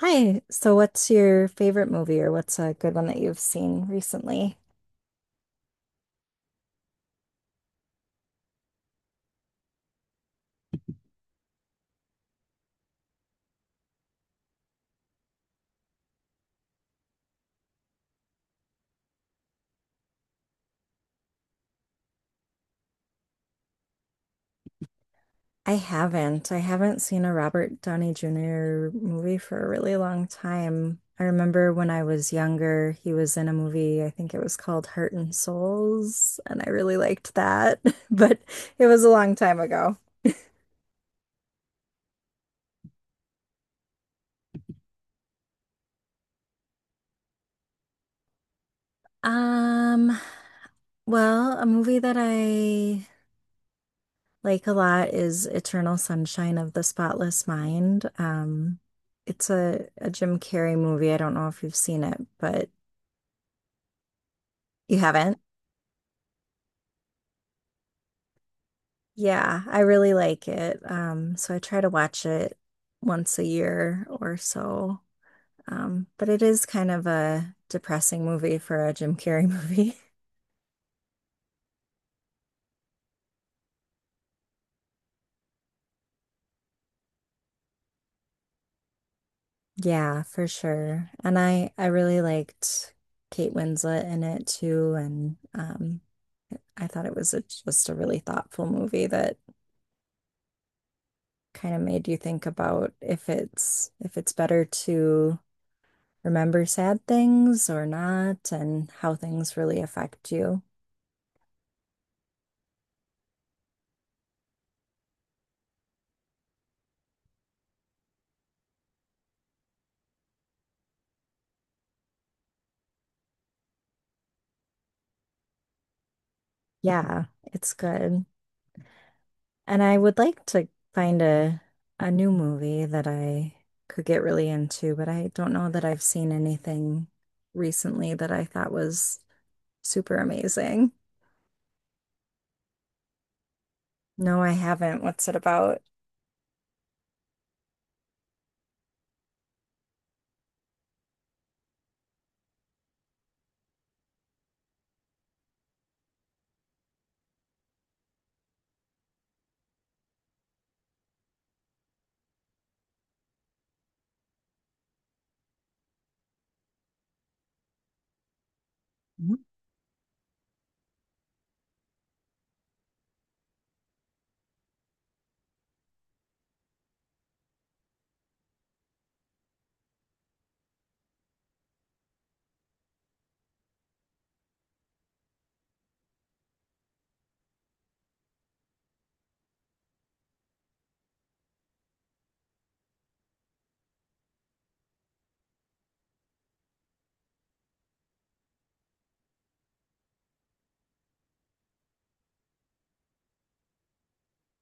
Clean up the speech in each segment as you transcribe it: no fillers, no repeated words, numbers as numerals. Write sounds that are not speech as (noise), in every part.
Hi. So, what's your favorite movie or what's a good one that you've seen recently? I haven't. I haven't seen a Robert Downey Jr. movie for a really long time. I remember when I was younger, he was in a movie, I think it was called Heart and Souls, and I really liked that, (laughs) but it was a long time ago. Um, well, a movie that I like a lot is Eternal Sunshine of the Spotless Mind. It's a Jim Carrey movie. I don't know if you've seen it, but you haven't? Yeah, I really like it. So I try to watch it once a year or so. But it is kind of a depressing movie for a Jim Carrey movie. (laughs) Yeah, for sure. And I really liked Kate Winslet in it too, and I thought it was just a really thoughtful movie that kind of made you think about if it's better to remember sad things or not and how things really affect you. Yeah, it's good. And I would like to find a new movie that I could get really into, but I don't know that I've seen anything recently that I thought was super amazing. No, I haven't. What's it about?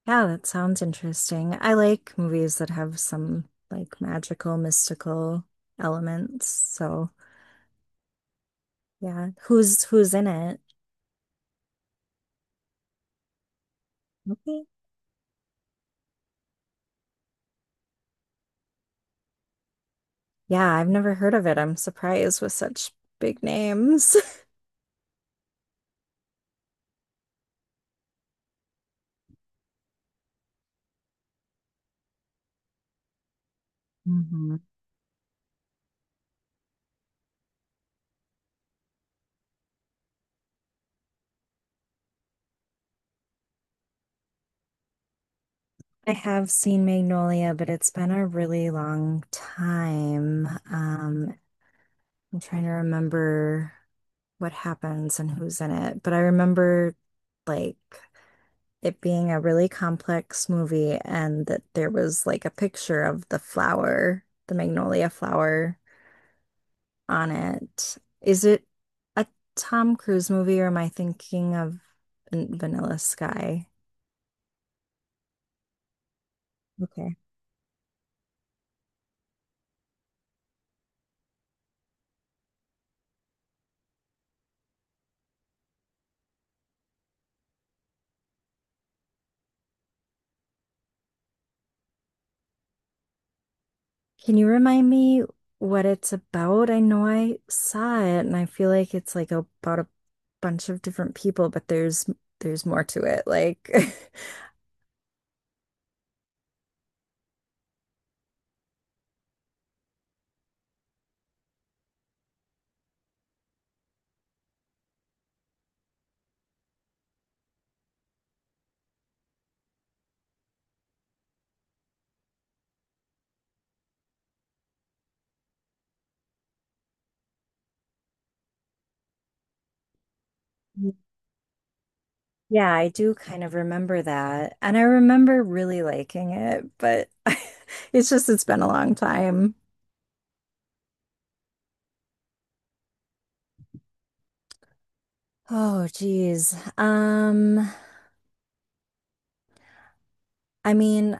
Yeah, that sounds interesting. I like movies that have some like magical, mystical elements. So, yeah, who's in it? Okay. Yeah, I've never heard of it. I'm surprised with such big names. (laughs) hmm I have seen Magnolia, but it's been a really long time. I'm trying to remember what happens and who's in it, but I remember like it being a really complex movie and that there was like a picture of the flower, the magnolia flower on it. Is it a Tom Cruise movie or am I thinking of Vanilla Sky? Okay. Can you remind me what it's about? I know I saw it and I feel like it's like about a bunch of different people, but there's more to it. Like (laughs) Yeah, I do kind of remember that. And I remember really liking it, but (laughs) it's just, it's been a long time. Oh, geez. I mean,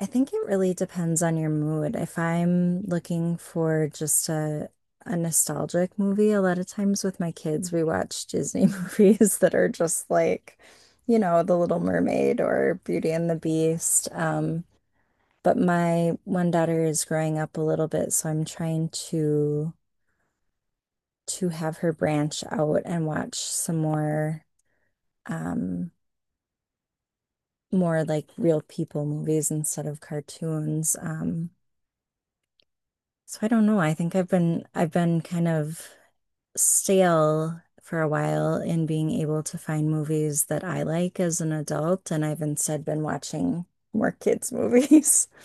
I think it really depends on your mood. If I'm looking for just a nostalgic movie, a lot of times with my kids, we watch Disney (laughs) movies that are just like, you know, The Little Mermaid or Beauty and the Beast. But my one daughter is growing up a little bit, so I'm trying to have her branch out and watch some more um more like real people movies instead of cartoons. So I don't know. I think I've been kind of stale for a while in being able to find movies that I like as an adult, and I've instead been watching more kids' movies. (laughs)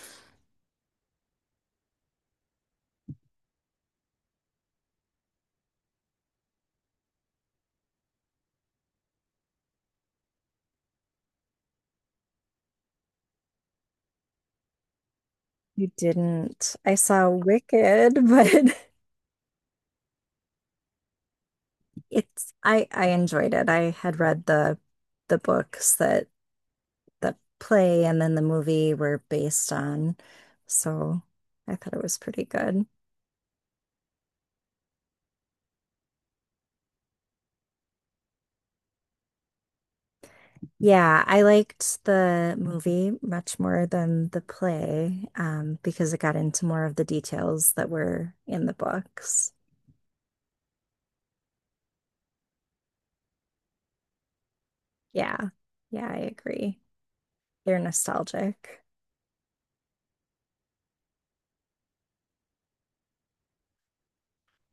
You didn't. I saw Wicked, but (laughs) it's I enjoyed it. I had read the books that the play and then the movie were based on, so I thought it was pretty good. Yeah, I liked the movie much more than the play, because it got into more of the details that were in the books. Yeah, yeah, I agree. They're nostalgic.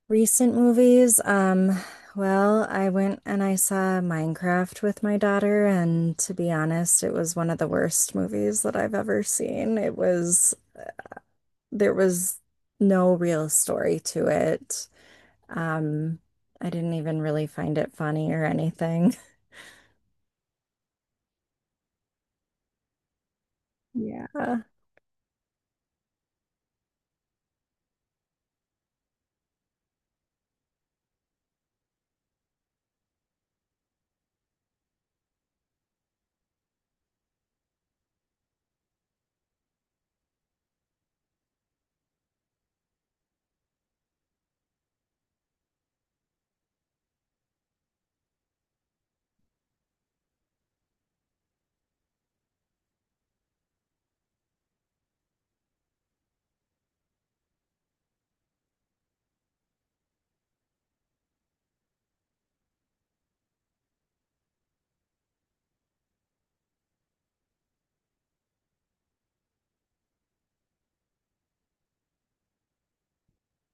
Recent movies, well, I went and I saw Minecraft with my daughter, and to be honest, it was one of the worst movies that I've ever seen. It was, there was no real story to it. Um, I didn't even really find it funny or anything. Yeah. (laughs)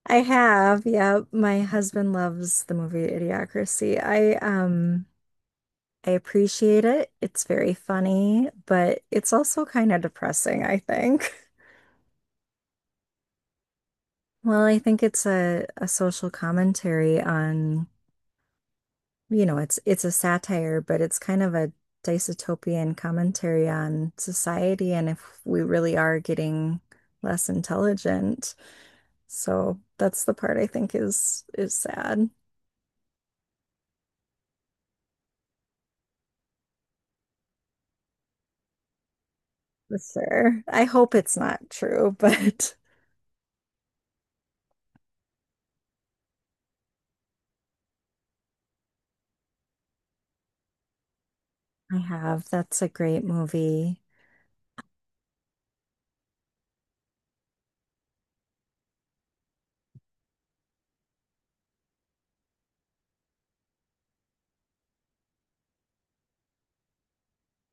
I have, yeah. My husband loves the movie Idiocracy. I appreciate it. It's very funny, but it's also kind of depressing, I think. (laughs) Well, I think it's a social commentary on, you know, it's a satire, but it's kind of a dystopian commentary on society and if we really are getting less intelligent. So that's the part I think is sad for sure. I hope it's not true, (laughs) but I have. That's a great movie.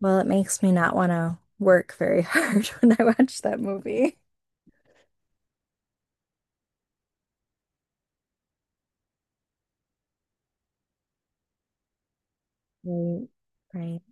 Well, it makes me not want to work very hard (laughs) when I watch that movie. Right. Right.